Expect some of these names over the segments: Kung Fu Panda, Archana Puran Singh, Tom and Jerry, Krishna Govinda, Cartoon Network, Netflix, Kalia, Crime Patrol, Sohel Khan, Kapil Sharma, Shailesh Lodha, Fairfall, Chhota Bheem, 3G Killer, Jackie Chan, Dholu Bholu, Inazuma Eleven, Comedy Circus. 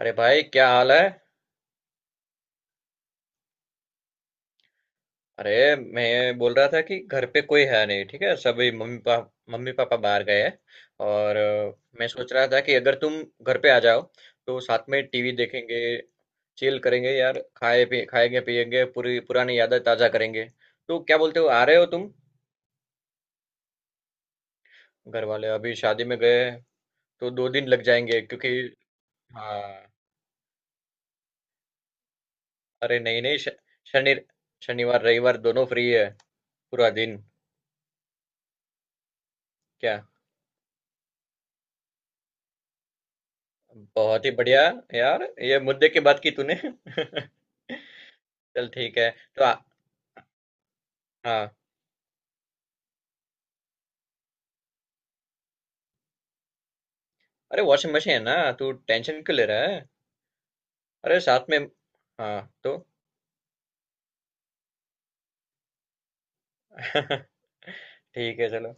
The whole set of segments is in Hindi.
अरे भाई क्या हाल है। अरे मैं बोल रहा था कि घर पे कोई है नहीं, ठीक है, सभी मम्मी पापा बाहर गए हैं। और मैं सोच रहा था कि अगर तुम घर पे आ जाओ तो साथ में टीवी देखेंगे, चिल करेंगे यार, खाए पी खाएंगे पिएंगे, पूरी पुरानी यादें ताजा करेंगे। तो क्या बोलते हो, आ रहे हो तुम? घर वाले अभी शादी में गए हैं, तो दो दिन लग जाएंगे क्योंकि हाँ। अरे नहीं नहीं श- शनि शनिवार रविवार दोनों फ्री है, पूरा दिन। क्या? बहुत ही बढ़िया। यार ये मुद्दे की बात की तूने। चल ठीक है। तो आ, हाँ। अरे वॉशिंग मशीन है ना, तू टेंशन क्यों ले रहा है? अरे साथ में हाँ तो ठीक है चलो।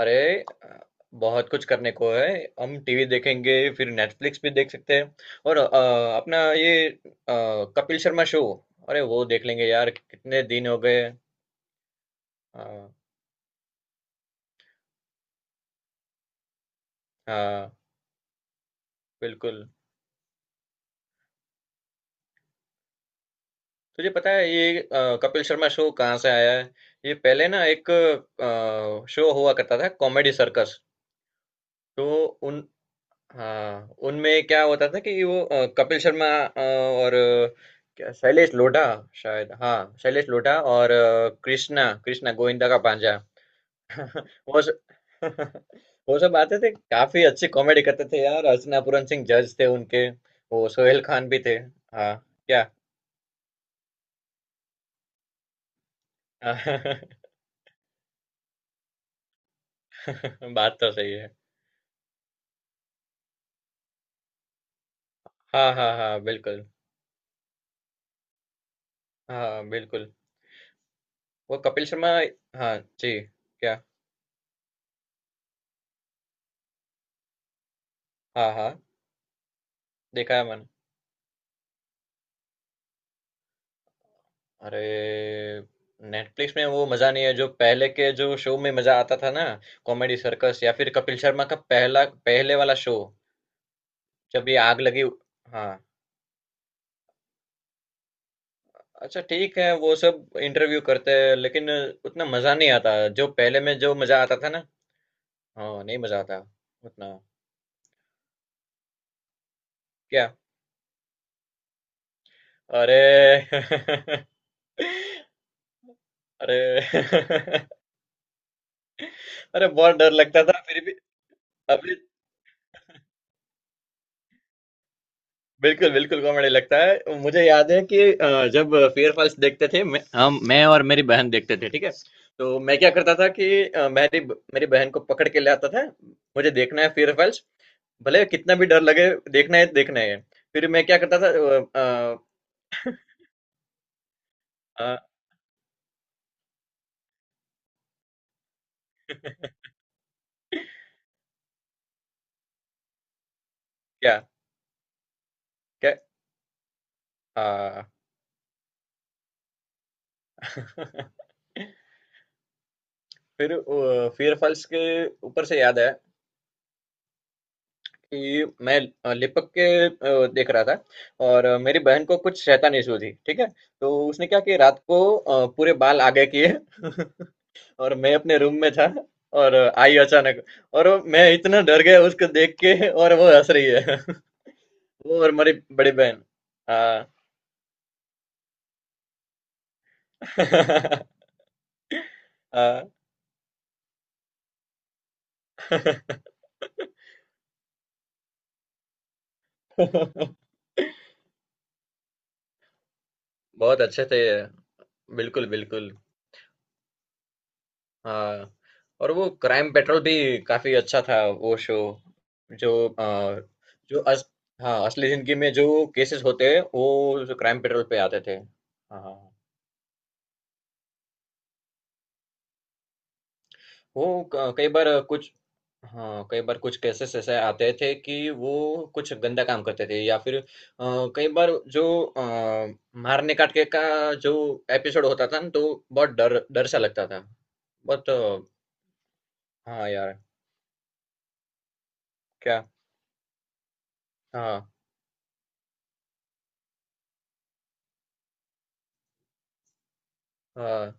अरे अ, बहुत कुछ करने को है। हम टीवी देखेंगे, फिर नेटफ्लिक्स भी देख सकते हैं। और अपना ये कपिल शर्मा शो अरे वो देख लेंगे यार, कितने दिन हो गए। हाँ, हाँ, बिल्कुल। तुझे पता है ये कपिल शर्मा शो कहाँ से आया है? ये पहले ना एक शो हुआ करता था, कॉमेडी सर्कस। तो उन हाँ, उनमें क्या होता था कि वो कपिल शर्मा और क्या शैलेश लोढ़ा, शायद। हाँ, शैलेश लोढ़ा और कृष्णा, कृष्णा गोविंदा का भांजा। वो स- वो सब आते थे, काफी अच्छी कॉमेडी करते थे यार। अर्चना पूरन सिंह जज थे उनके। वो सोहेल खान भी थे। हाँ। क्या? बात तो सही है। हाँ, हाँ, हाँ, बिल्कुल। हाँ, बिल्कुल। वो कपिल शर्मा हाँ, जी। क्या? हाँ, हाँ, देखा है मैंने। अरे! नेटफ्लिक्स में वो मज़ा नहीं है, जो पहले के जो शो में मज़ा आता था ना, कॉमेडी सर्कस या फिर कपिल शर्मा का पहला पहले वाला शो, जब ये आग लगी। हाँ। अच्छा ठीक है, वो सब इंटरव्यू करते हैं, लेकिन उतना मज़ा नहीं आता, जो पहले में जो मज़ा आता था ना। हाँ, नहीं मज़ा आता उतना। क्या? अरे! अरे! अरे बहुत डर लगता था फिर भी। अभी बिल्कुल बिल्कुल कॉमेडी लगता है। मुझे याद है कि जब फेयर फॉल्स देखते थे, मैं और मेरी बहन देखते थे, ठीक है। तो मैं क्या करता था कि अ, मेरी मेरी बहन को पकड़ के ले आता था। मुझे देखना है फेयर फॉल्स, भले कितना भी डर लगे, देखना है, देखना है। फिर मैं क्या करता था अ, अ, क्या क्या आ, फिर फेयर फॉल्स के ऊपर से याद है कि मैं लिपक के देख रहा था, और मेरी बहन को कुछ शैतान इशू थी, ठीक है। तो उसने क्या किया, रात को पूरे बाल आगे किए। और मैं अपने रूम में था, और आई अचानक, और मैं इतना डर गया उसको देख के, और वो हंस रही है। वो और मेरी बड़ी बहन। हाँ। हाँ। बहुत अच्छे थे ये, बिल्कुल बिल्कुल। हाँ। और वो क्राइम पेट्रोल भी काफी अच्छा था वो शो। जो अ, जो अस, हाँ, असली जिंदगी में जो केसेस होते हैं वो क्राइम पेट्रोल पे आते थे। हाँ, हाँ। हाँ। वो कई बार कुछ हाँ, कई बार कुछ केसेस ऐसे आते थे कि वो कुछ गंदा काम करते थे, या फिर कई बार जो अ, मारने काट के का जो एपिसोड होता था ना, तो बहुत डर डर सा लगता था। बहुत हाँ यार। क्या? हाँ, हाँ।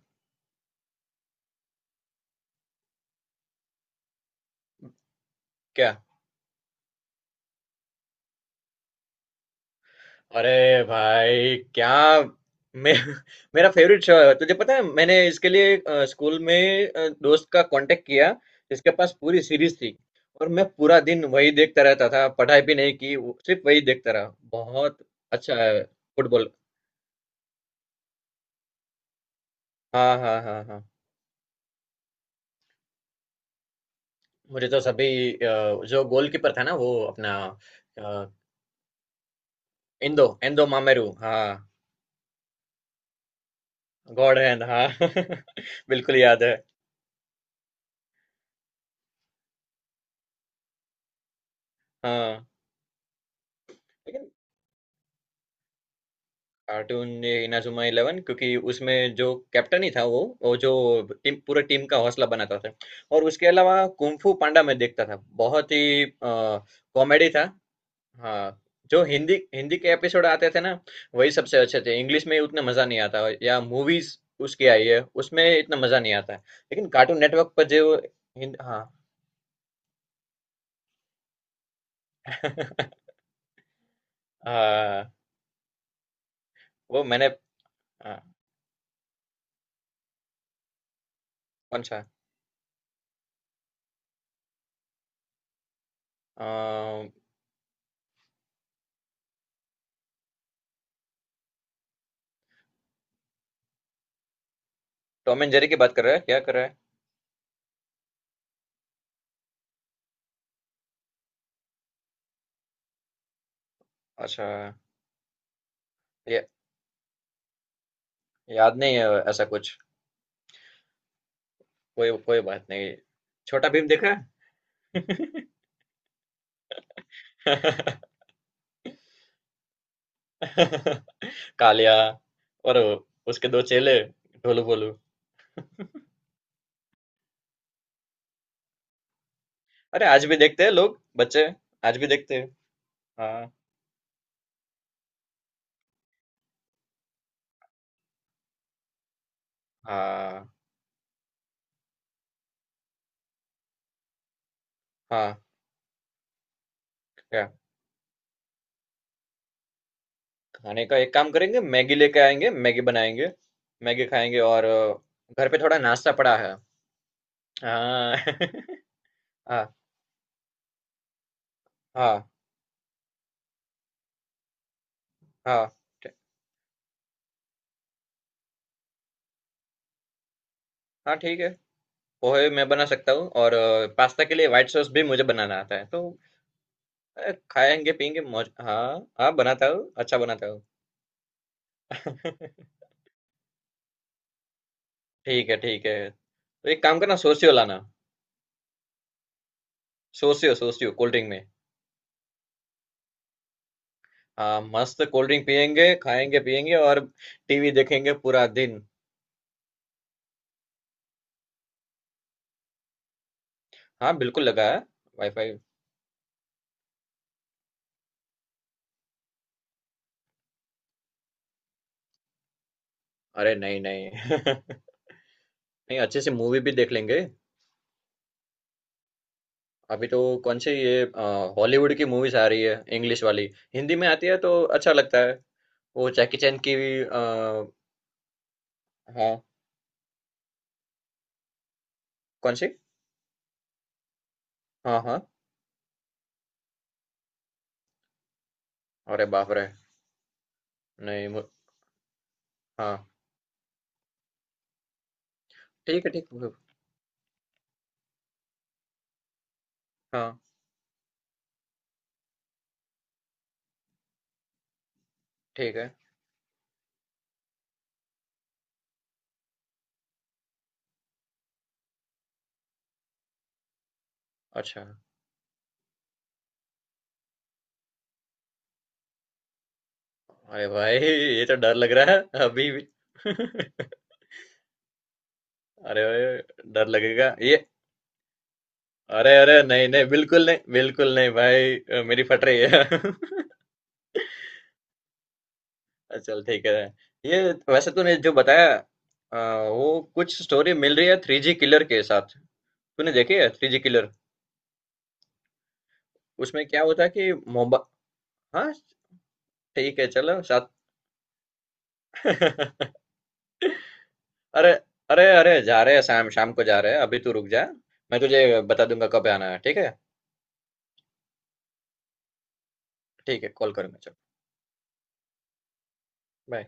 क्या? अरे भाई क्या! मैं मेरा फेवरेट शो है, तुझे पता है मैंने इसके लिए स्कूल में दोस्त का कांटेक्ट किया, जिसके पास पूरी सीरीज थी। और मैं पूरा दिन वही देखता रहता था, पढ़ाई भी नहीं की, सिर्फ वही देखता रहा बहुत। अच्छा है फुटबॉल। हाँ, हाँ, हाँ, हाँ। मुझे तो सभी जो गोलकीपर था ना, वो अपना अ, इंदो इंदो मामेरू, हाँ, गॉड हैंड, हाँ। बिल्कुल याद है। हाँ। कार्टून ये इनाजुमा इलेवन, क्योंकि उसमें जो कैप्टन ही था, वो जो टीम, पूरे टीम का हौसला बनाता था। और उसके अलावा कुंफू पांडा मैं देखता था, बहुत ही कॉमेडी था। हाँ। जो हिंदी हिंदी के एपिसोड आते थे ना, वही सबसे अच्छे थे। इंग्लिश में उतना मजा नहीं आता, या मूवीज उसकी आई है उसमें इतना मजा नहीं आता। लेकिन कार्टून नेटवर्क पर जो हिंद हाँ हाँ, वो मैंने हाँ, कौन सा अ, टॉम एंड जेरी की बात कर रहा है क्या, कर रहा है? अच्छा, याद नहीं है ऐसा कुछ। कोई कोई बात नहीं। छोटा भीम देखा है? कालिया और उसके दो चेले, ढोलू भोलू। अरे आज भी देखते हैं लोग, बच्चे। आज भी देखते हैं। हाँ, हाँ, हाँ। क्या? खाने का एक काम करेंगे, मैगी लेके आएंगे, मैगी बनाएंगे, मैगी खाएंगे। और घर पे थोड़ा नाश्ता पड़ा है। हाँ। हाँ, हाँ, हाँ, ठी- हाँ ठीक है। पोहे मैं बना सकता हूँ, और पास्ता के लिए व्हाइट सॉस भी मुझे बनाना आता है, तो खाएंगे पियेंगे मौज। हाँ, हाँ, बनाता हूँ, अच्छा बनाता हूँ। ठीक है ठीक है। तो एक काम करना, सोसियो लाना। सोसियो, सोसियो कोल्ड ड्रिंक में। हाँ, मस्त कोल्ड ड्रिंक पियेंगे, खाएंगे पियेंगे, और टीवी देखेंगे पूरा दिन। हाँ, बिल्कुल लगा है वाईफाई। अरे नहीं नहीं। नहीं, अच्छे से मूवी भी देख लेंगे। अभी तो कौन सी ये हॉलीवुड की मूवीज आ रही है, इंग्लिश वाली, हिंदी में आती है तो अच्छा लगता है। वो जैकी चैन की भी, हाँ। कौन सी? हाँ, हाँ। अरे बाप रे! नहीं मु- हाँ ठीक है, ठीक है। हाँ, ठीक है। अच्छा। अरे भाई ये तो डर लग रहा है, अभी भी। अरे भाई डर लगेगा ये। अरे अरे नहीं नहीं, बिल्कुल नहीं, बिल्कुल नहीं भाई, मेरी फट रही है। चल ठीक है। ये वैसे तूने जो बताया वो कुछ स्टोरी मिल रही है थ्री जी किलर के साथ। तूने देखी है थ्री जी किलर? उसमें क्या होता है कि मोबा हाँ ठीक है, चलो साथ। अरे अरे अरे जा रहे हैं, शाम शाम को जा रहे हैं, अभी तू रुक जा। मैं तुझे बता दूंगा कब आना है, ठीक है। ठीक है, कॉल करूंगा, चल, बाय।